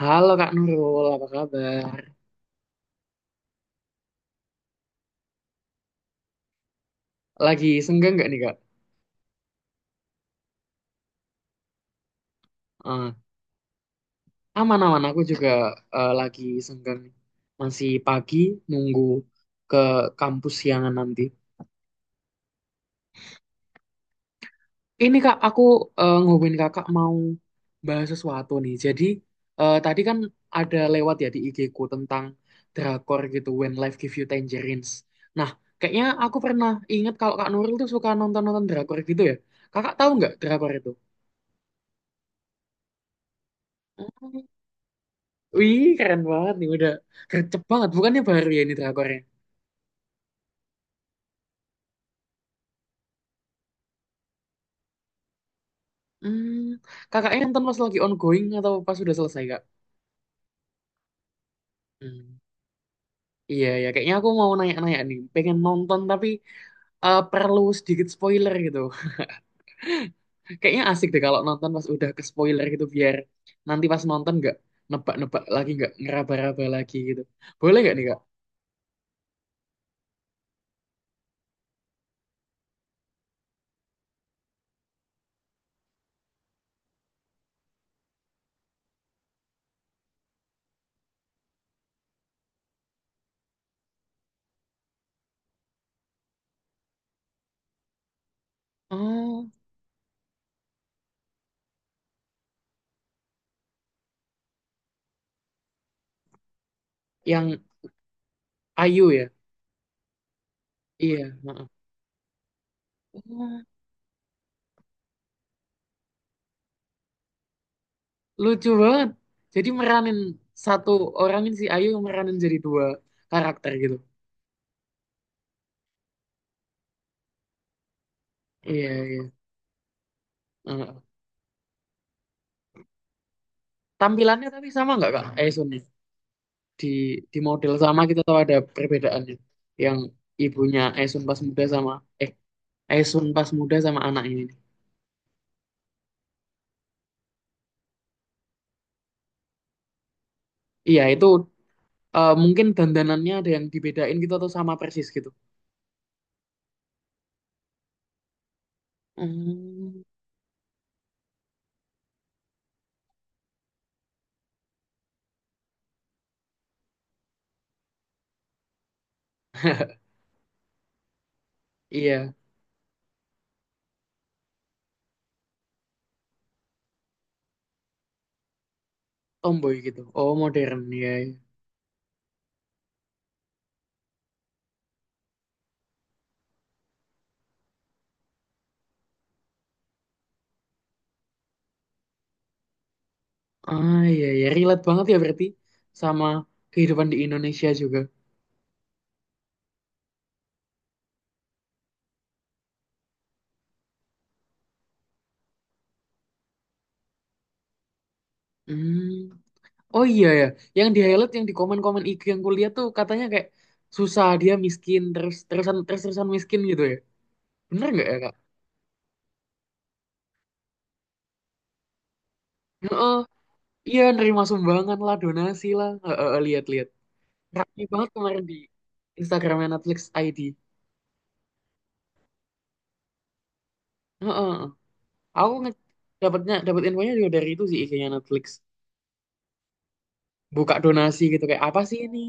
Halo Kak Nurul, apa kabar? Lagi senggang nggak nih Kak? Eh, Aman-aman, aku juga lagi senggang nih. Masih pagi, nunggu ke kampus siangan nanti. Ini Kak, aku ngomongin Kakak mau bahas sesuatu nih. Jadi tadi kan ada lewat ya di IG-ku tentang drakor gitu, When Life Give You Tangerines. Nah, kayaknya aku pernah ingat kalau Kak Nurul tuh suka nonton-nonton drakor gitu ya. Kakak tahu nggak drakor itu? Wih, keren banget nih, udah gercep banget. Bukannya baru ya ini drakornya? Hmm, kakaknya nonton pas lagi ongoing atau pas sudah selesai, Kak? Hmm, iya, ya. Kayaknya aku mau nanya-nanya nih. Pengen nonton tapi perlu sedikit spoiler gitu. Kayaknya asik deh kalau nonton pas udah ke spoiler gitu biar nanti pas nonton nggak nebak-nebak lagi, nggak ngeraba-raba lagi gitu. Boleh nggak nih, Kak? Oh, yang Ayu ya? Iya, heeh. Lucu banget. Jadi meranin satu orang ini si Ayu meranin jadi dua karakter gitu. Iya, iya. Heeh. Tampilannya tapi sama nggak Kak Esun, di di model sama kita tahu ada perbedaannya. Yang ibunya Esun pas muda sama eh Esun pas muda sama anak ini. Iya, itu mungkin dandanannya ada yang dibedain gitu atau sama persis gitu. Hmm. Iya, tomboy gitu. Oh, modern ya. Ah, iya ya, relate banget ya berarti sama kehidupan di Indonesia juga. Hmm. Oh iya ya, yang di highlight yang di komen-komen IG yang kuliah tuh katanya kayak susah, dia miskin terus terusan miskin gitu ya. Bener nggak ya Kak? Heeh, iya nerima sumbangan lah donasi lah. Heeh, lihat-lihat. Rapi banget kemarin di Instagramnya Netflix ID. Heeh. Aku dapat infonya juga dari itu sih, IG-nya Netflix. Buka donasi gitu kayak apa sih ini?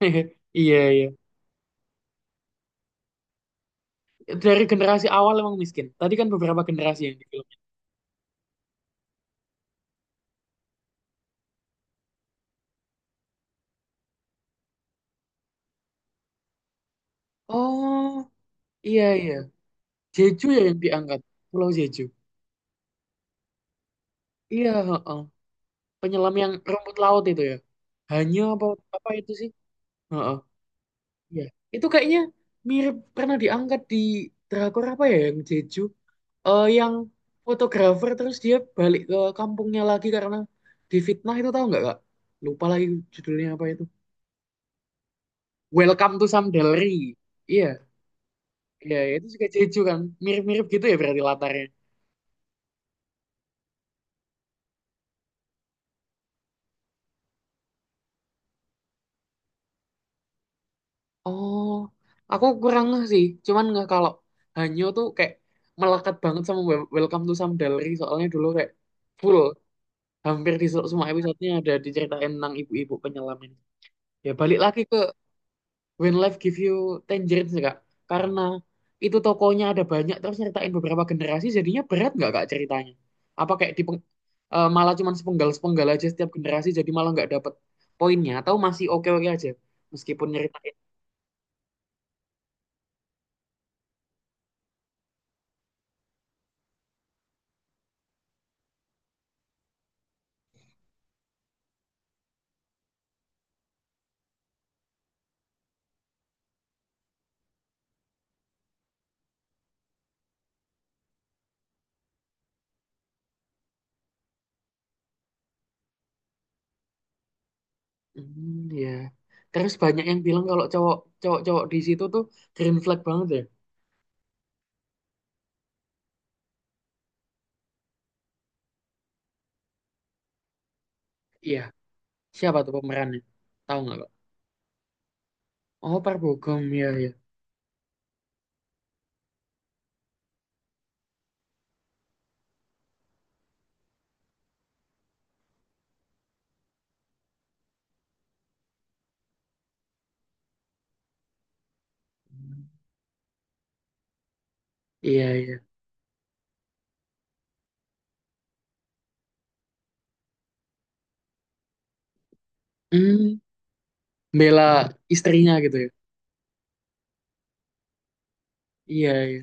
Iya, iya. Dari generasi awal emang miskin. Tadi kan beberapa generasi yang di film. Oh, iya iya. Jeju ya yang diangkat. Pulau Jeju. Iya, heeh. Penyelam yang rumput laut itu ya. Hanya apa, apa itu sih? Heeh. Iya. Itu kayaknya mirip pernah diangkat di drakor apa ya yang Jeju? Yang fotografer terus dia balik ke kampungnya lagi karena difitnah, itu tahu nggak Kak? Lupa lagi judulnya apa itu. Welcome to Samdalri. Iya. Iya, itu juga Jeju kan. Mirip-mirip gitu ya berarti latarnya. Oh, aku kurang ngeh sih. Cuman nggak, kalau Hanyo tuh kayak melekat banget sama Welcome to Samdalri. Soalnya dulu kayak full. Hampir di semua episodenya ada diceritain tentang ibu-ibu penyelam ini. Ya balik lagi ke When Life Give You Tangerines nggak Kak? Karena itu tokonya ada banyak terus nyeritain beberapa generasi, jadinya berat nggak Kak ceritanya? Apa kayak di malah cuman sepenggal-sepenggal aja setiap generasi jadi malah nggak dapet poinnya, atau masih oke-oke aja meskipun nyeritain, ya. Terus banyak yang bilang kalau cowok-cowok di situ tuh green flag banget ya. Iya. Siapa tuh pemerannya? Tahu nggak Kak? Oh, Park Bo Gum ya, ya. Iya, iya. Hmm, bela istrinya gitu ya. Iya, iya.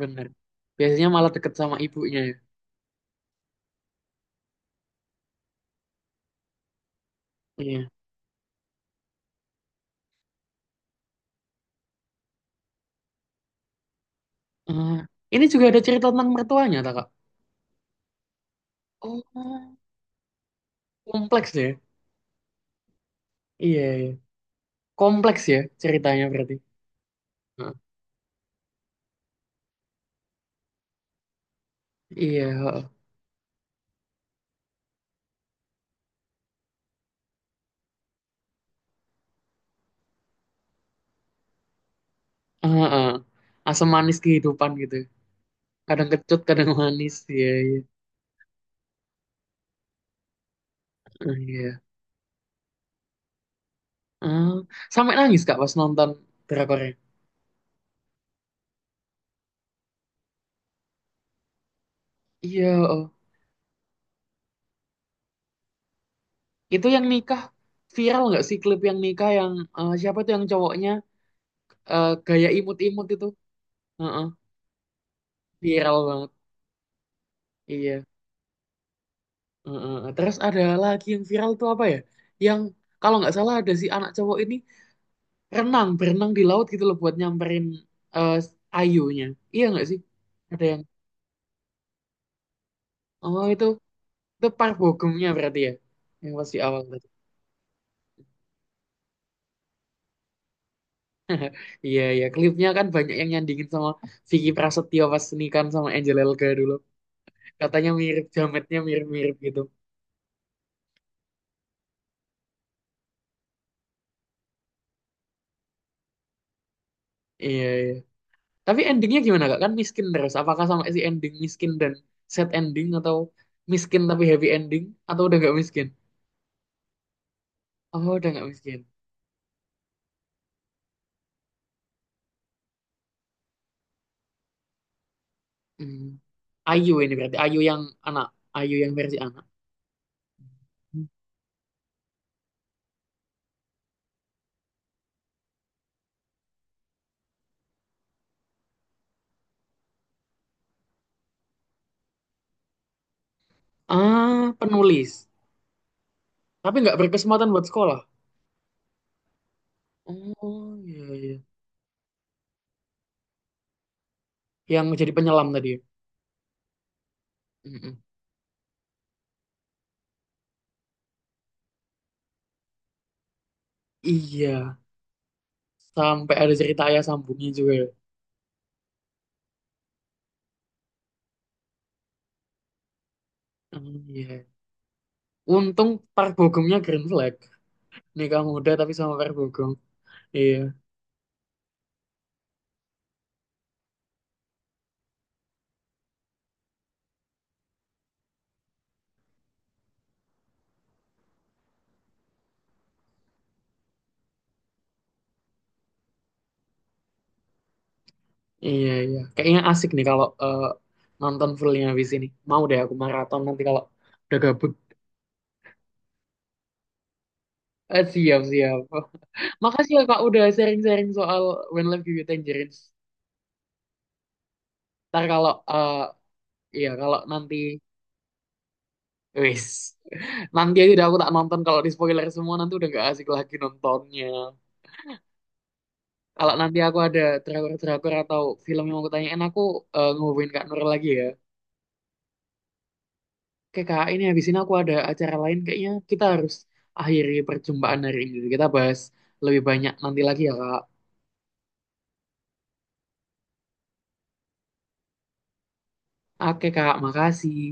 Bener. Biasanya malah deket sama ibunya ya. Iya. Ah, ini juga ada cerita tentang mertuanya, tak, Kak? Oh, kompleks ya. Iya, iya. Kompleks ya ceritanya berarti. Heeh. Iya, heeh. Heeh. Asam manis kehidupan gitu. Kadang kecut, kadang manis. Iya, iya. Iya. Ah, sampai nangis, Kak, pas nonton drakornya. Iya, heeh. Itu yang nikah, viral nggak sih klip yang nikah yang siapa tuh yang cowoknya, gaya imut-imut itu? Heeh. Viral banget. Iya. Heeh, terus ada lagi yang viral tuh apa ya? Yang kalau nggak salah ada si anak cowok ini berenang di laut gitu loh buat nyamperin eh, ayunya. Iya nggak sih? Ada yang, oh, itu Parbogemnya berarti ya? Yang pas di awal tadi. Iya, iya. Klipnya kan banyak yang nyandingin sama Vicky Prasetyo pas nikahan sama Angel Elga dulu. Katanya mirip, jametnya mirip-mirip gitu. Iya, iya. Tapi endingnya gimana Kak? Kan miskin terus. Apakah sama si ending miskin dan sad ending, atau miskin tapi happy ending, atau udah nggak miskin? Oh, udah nggak miskin. Hmm. Ayu ini berarti Ayu yang anak, Ayu yang versi anak. Hmm. Ah, penulis. Tapi nggak berkesempatan buat sekolah. Oh iya iya. Yang jadi penyelam tadi, ya? Mm-mm. Iya. Sampai ada cerita ayah sambungnya juga, ya? Oh, iya. Untung Park Bo Gumnya green flag. Nikah muda tapi sama Park Bo Gum. Iya. Iya, iya. Kayaknya asik nih kalau nonton fullnya habis ini. Mau deh aku maraton nanti kalau udah gabut. Eh, siap, siap. Makasih ya Kak udah sharing-sharing soal When Life Gives You Tangerines. Ntar kalau, eh iya kalau nanti, wis. Nanti aja, udah aku tak nonton, kalau di spoiler semua nanti udah gak asik lagi nontonnya. Kalau nanti aku ada drakor-drakor atau film yang mau aku tanyain, aku ngehubungin Kak Nur lagi ya. Oke Kak, ini habis ini aku ada acara lain, kayaknya kita harus akhiri perjumpaan hari ini. Kita bahas lebih banyak nanti lagi ya Kak. Oke Kak, makasih.